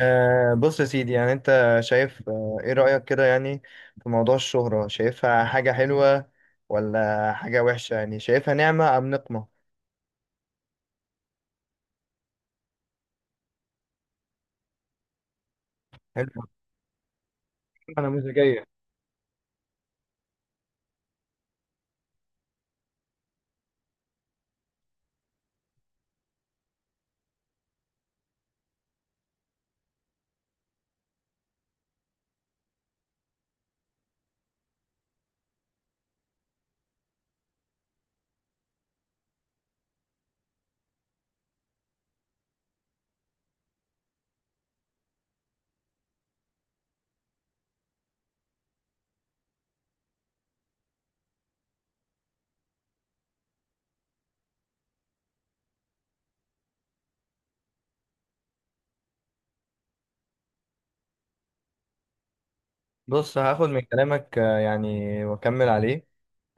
بص يا سيدي، يعني انت شايف ايه رأيك كده؟ يعني في موضوع الشهرة، شايفها حاجة حلوة ولا حاجة وحشة؟ يعني شايفها نعمة أم نقمة؟ حلو. انا نموذجيه. بص هاخد من كلامك يعني واكمل عليه.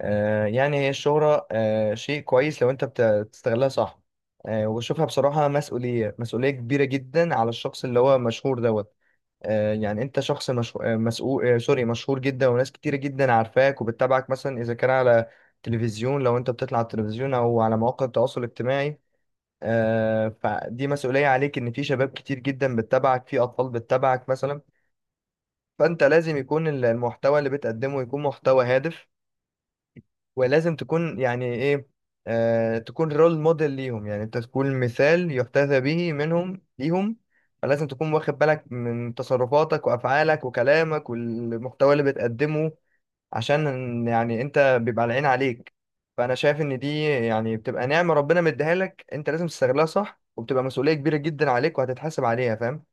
يعني هي الشهرة شيء كويس لو انت بتستغلها صح. وبشوفها بصراحة مسؤولية مسؤولية كبيرة جدا على الشخص اللي هو مشهور دوت. يعني انت شخص مش... مسؤول، سوري، مشهور جدا وناس كتير جدا عارفاك وبتتابعك، مثلا اذا كان على تلفزيون، لو انت بتطلع على التلفزيون او على مواقع التواصل الاجتماعي. فدي مسؤولية عليك، ان في شباب كتير جدا بتتابعك، في اطفال بتتابعك مثلا. فانت لازم يكون المحتوى اللي بتقدمه يكون محتوى هادف، ولازم تكون يعني ايه، تكون رول موديل ليهم، يعني انت تكون مثال يحتذى به منهم ليهم. فلازم تكون واخد بالك من تصرفاتك وافعالك وكلامك والمحتوى اللي بتقدمه، عشان يعني انت بيبقى العين عليك. فانا شايف ان دي يعني بتبقى نعمة ربنا مديها لك، انت لازم تستغلها صح، وبتبقى مسؤولية كبيرة جدا عليك وهتتحاسب عليها، فاهم؟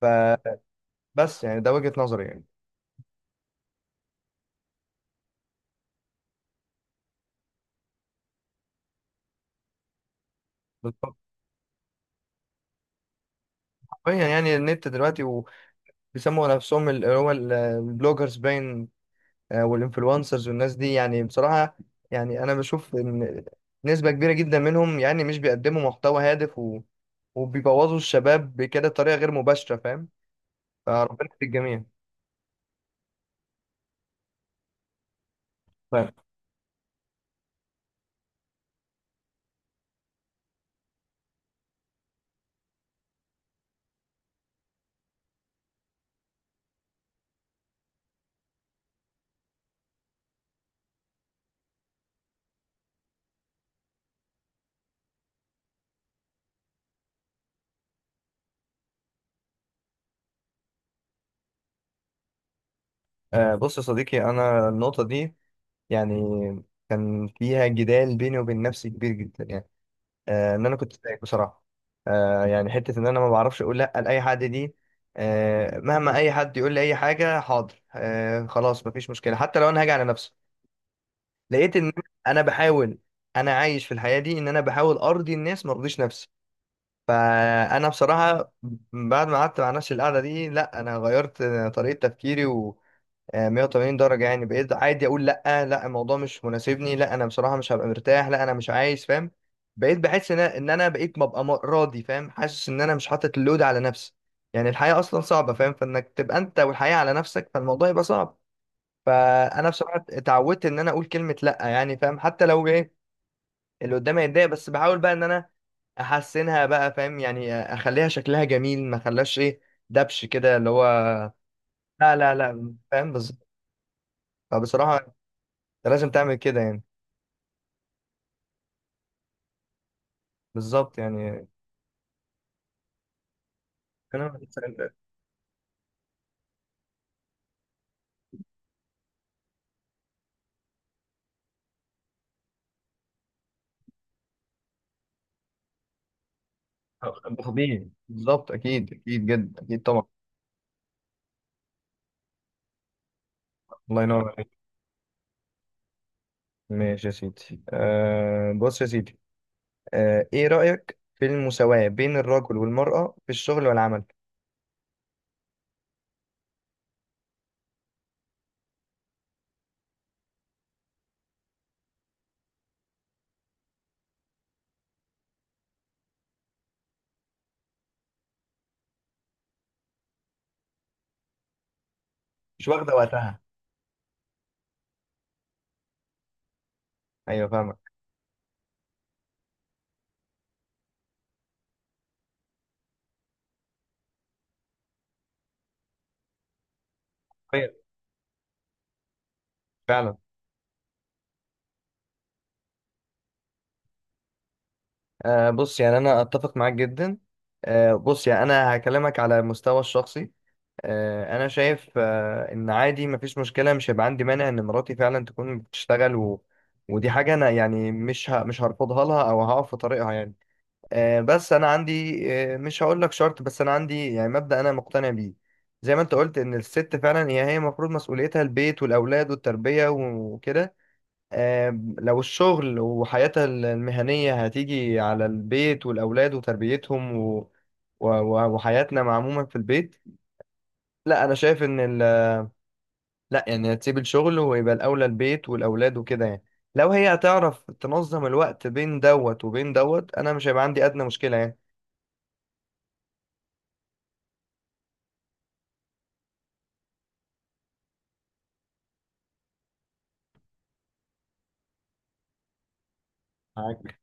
فبس، يعني ده وجهة نظري يعني. بالظبط حرفيا، يعني النت دلوقتي وبيسموا نفسهم اللي هو البلوجرز، باين، والانفلونسرز والناس دي، يعني بصراحة يعني انا بشوف ان نسبة كبيرة جدا منهم يعني مش بيقدموا محتوى هادف، وبيبوظوا الشباب بكده بطريقة غير مباشرة، فاهم؟ فربنا في الجميع. طيب. بص يا صديقي، انا النقطة دي يعني كان فيها جدال بيني وبين نفسي كبير جدا يعني. ان انا كنت سايق بصراحة، يعني حتة ان انا ما بعرفش اقول لا لأي حد دي. مهما اي حد يقول لي اي حاجة، حاضر، خلاص مفيش مشكلة، حتى لو انا هاجي على نفسي. لقيت ان انا بحاول، انا عايش في الحياه دي ان انا بحاول ارضي الناس ما ارضيش نفسي. فانا بصراحه بعد ما قعدت مع نفسي القعده دي، لا، انا غيرت طريقه تفكيري و 180 درجه. يعني بقيت عادي اقول لا، لا الموضوع مش مناسبني، لا انا بصراحه مش هبقى مرتاح، لا انا مش عايز، فاهم؟ بقيت بحس ان انا إن أنا بقيت ببقى راضي، فاهم، حاسس ان انا مش حاطط اللود على نفسي. يعني الحياه اصلا صعبه فاهم، فانك تبقى انت والحياه على نفسك، فالموضوع يبقى صعب. فانا بصراحه اتعودت ان انا اقول كلمه لا، يعني فاهم، حتى لو ايه اللي قدامي يتضايق، بس بحاول بقى ان انا احسنها بقى، فاهم، يعني اخليها شكلها جميل، ما اخليهاش ايه، دبش كده اللي هو، لا لا لا، فاهم بالظبط. فبصراحه انت لازم تعمل كده يعني. بالظبط يعني. كلام طبيعي بالظبط، اكيد اكيد جدا، اكيد طبعا. الله ينور عليك. ماشي يا سيدي، أه بص يا سيدي، أه ايه رايك في المساواه بين الرجل والمراه في الشغل والعمل؟ مش واخده وقتها. ايوه فاهمك. طيب. فعلا. بص يعني انا اتفق معاك جدا. بص يعني انا هكلمك على المستوى الشخصي. انا شايف ان عادي مفيش مشكله، مش هيبقى عندي مانع ان مراتي فعلا تكون بتشتغل، ودي حاجه انا يعني مش هرفضها لها او هقف في طريقها يعني. بس انا عندي، مش هقول لك شرط، بس انا عندي يعني مبدأ انا مقتنع بيه. زي ما انت قلت ان الست فعلا هي هي المفروض مسؤوليتها البيت والاولاد والتربيه وكده. لو الشغل وحياتها المهنية هتيجي على البيت والأولاد وتربيتهم وحياتنا مع عموما في البيت، لا أنا شايف إن لا يعني هتسيب الشغل ويبقى الأولى البيت والأولاد وكده يعني. لو هي هتعرف تنظم الوقت بين دوت وبين دوت أنا مش هيبقى عندي أدنى مشكلة. يعني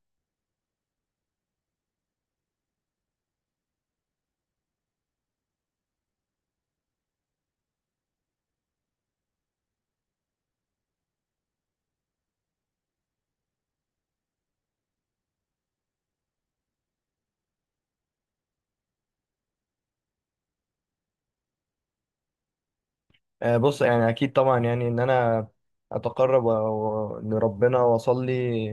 بص يعني اكيد طبعا يعني ان انا اتقرب لربنا واصلي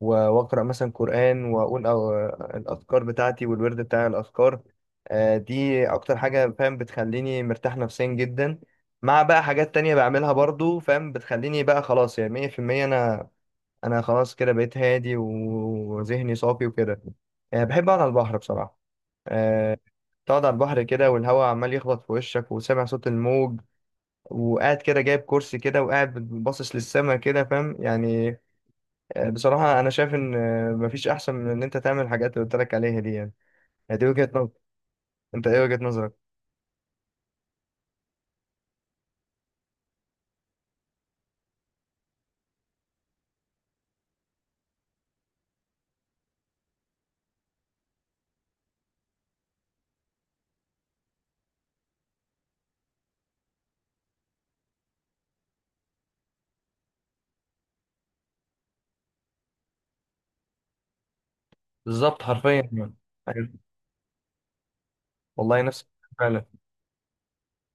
واقرا مثلا قران واقول أو الاذكار بتاعتي والورد بتاع الاذكار. دي اكتر حاجه فاهم بتخليني مرتاح نفسيا جدا، مع بقى حاجات تانية بعملها برضو فاهم، بتخليني بقى خلاص يعني 100% انا انا خلاص كده بقيت هادي وذهني صافي وكده. بحب اقعد على البحر بصراحه. آه، تقعد على البحر كده والهواء عمال يخبط في وشك وسامع صوت الموج، وقاعد كده جايب كرسي كده وقاعد باصص للسما كده، فاهم يعني. بصراحة أنا شايف إن، مفيش أحسن من إن أنت تعمل الحاجات اللي قلت لك عليها دي يعني. يعني دي وجهة نظر، أنت إيه وجهة نظرك؟ بالظبط حرفيا يعني. أيوة. والله نفس، فعلا.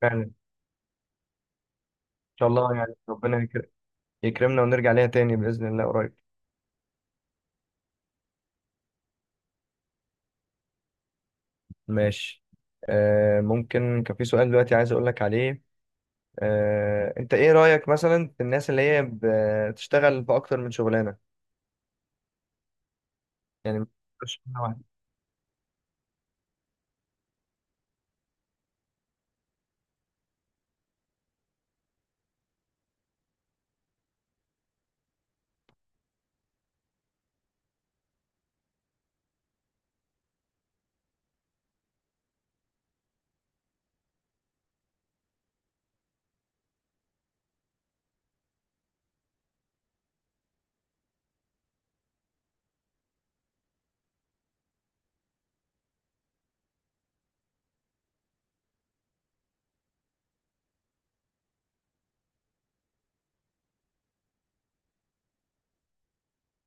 فعلا. إن شاء الله يعني ربنا يكرمنا ونرجع ليها تاني بإذن الله قريب. ماشي. آه ممكن كان في سؤال دلوقتي عايز أقول لك عليه. آه أنت إيه رأيك مثلا في الناس اللي هي بتشتغل في أكتر من شغلانة؟ يعني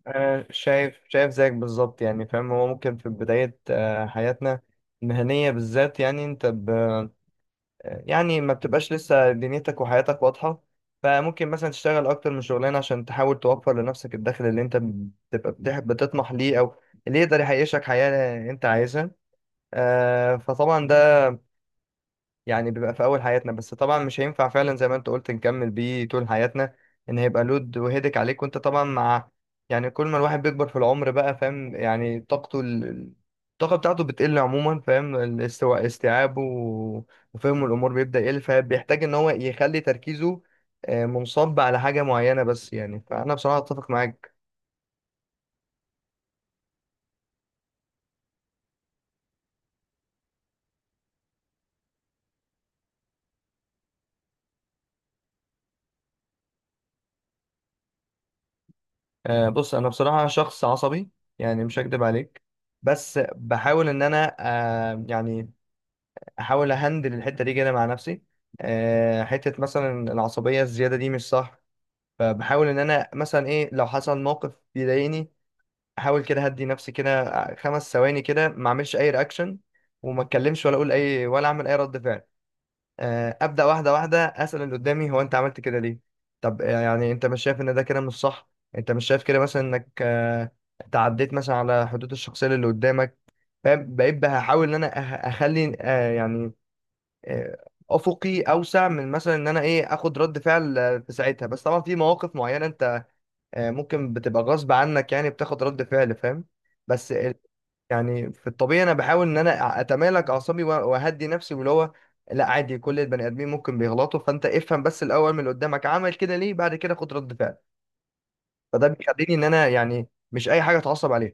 أنا شايف شايف زيك بالظبط يعني فاهم، هو ممكن في بداية حياتنا المهنية بالذات، يعني يعني ما بتبقاش لسه دنيتك وحياتك واضحة، فممكن مثلا تشتغل أكتر من شغلانة عشان تحاول توفر لنفسك الدخل اللي أنت بتبقى بتطمح ليه، أو اللي يقدر يعيشك حياة أنت عايزها. فطبعا ده يعني بيبقى في اول حياتنا، بس طبعا مش هينفع فعلا زي ما انت قلت نكمل بيه طول حياتنا، ان هيبقى لود وهيدك عليك، وانت طبعا مع، يعني كل ما الواحد بيكبر في العمر بقى فاهم، يعني طاقته الطاقة بتاعته بتقل عموما فاهم، الاستواء استيعابه وفهمه الامور بيبدأ يقل، فبيحتاج ان هو يخلي تركيزه منصب على حاجة معينة بس يعني، فانا بصراحة اتفق معاك. بص انا بصراحة شخص عصبي يعني، مش هكدب عليك. بس بحاول ان انا يعني احاول اهندل الحته دي كده مع نفسي. حته مثلا العصبيه الزياده دي مش صح، فبحاول ان انا مثلا ايه لو حصل موقف بيضايقني احاول كده هدي نفسي كده 5 ثواني كده، ما اعملش اي رياكشن وما اتكلمش ولا اقول اي ولا اعمل اي رد فعل. ابدا واحده واحده، اسال اللي قدامي هو انت عملت كده ليه؟ طب يعني انت مش شايف ان ده كده مش صح؟ انت مش شايف كده مثلا انك تعديت مثلا على حدود الشخصيه اللي قدامك؟ فاهم؟ بقيت بحاول ان انا اخلي افقي اوسع من مثلا ان انا ايه اخد رد فعل في ساعتها، بس طبعا في مواقف معينه انت ممكن بتبقى غصب عنك يعني بتاخد رد فعل، فاهم؟ بس يعني في الطبيعي انا بحاول ان انا اتمالك اعصابي واهدي نفسي واللي هو لا عادي كل البني ادمين ممكن بيغلطوا، فانت افهم بس الاول من اللي قدامك عمل كده ليه، بعد كده خد رد فعل. فده بيخليني ان انا يعني مش اي حاجه اتعصب عليها.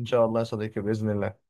ان شاء الله يا صديقي، باذن الله.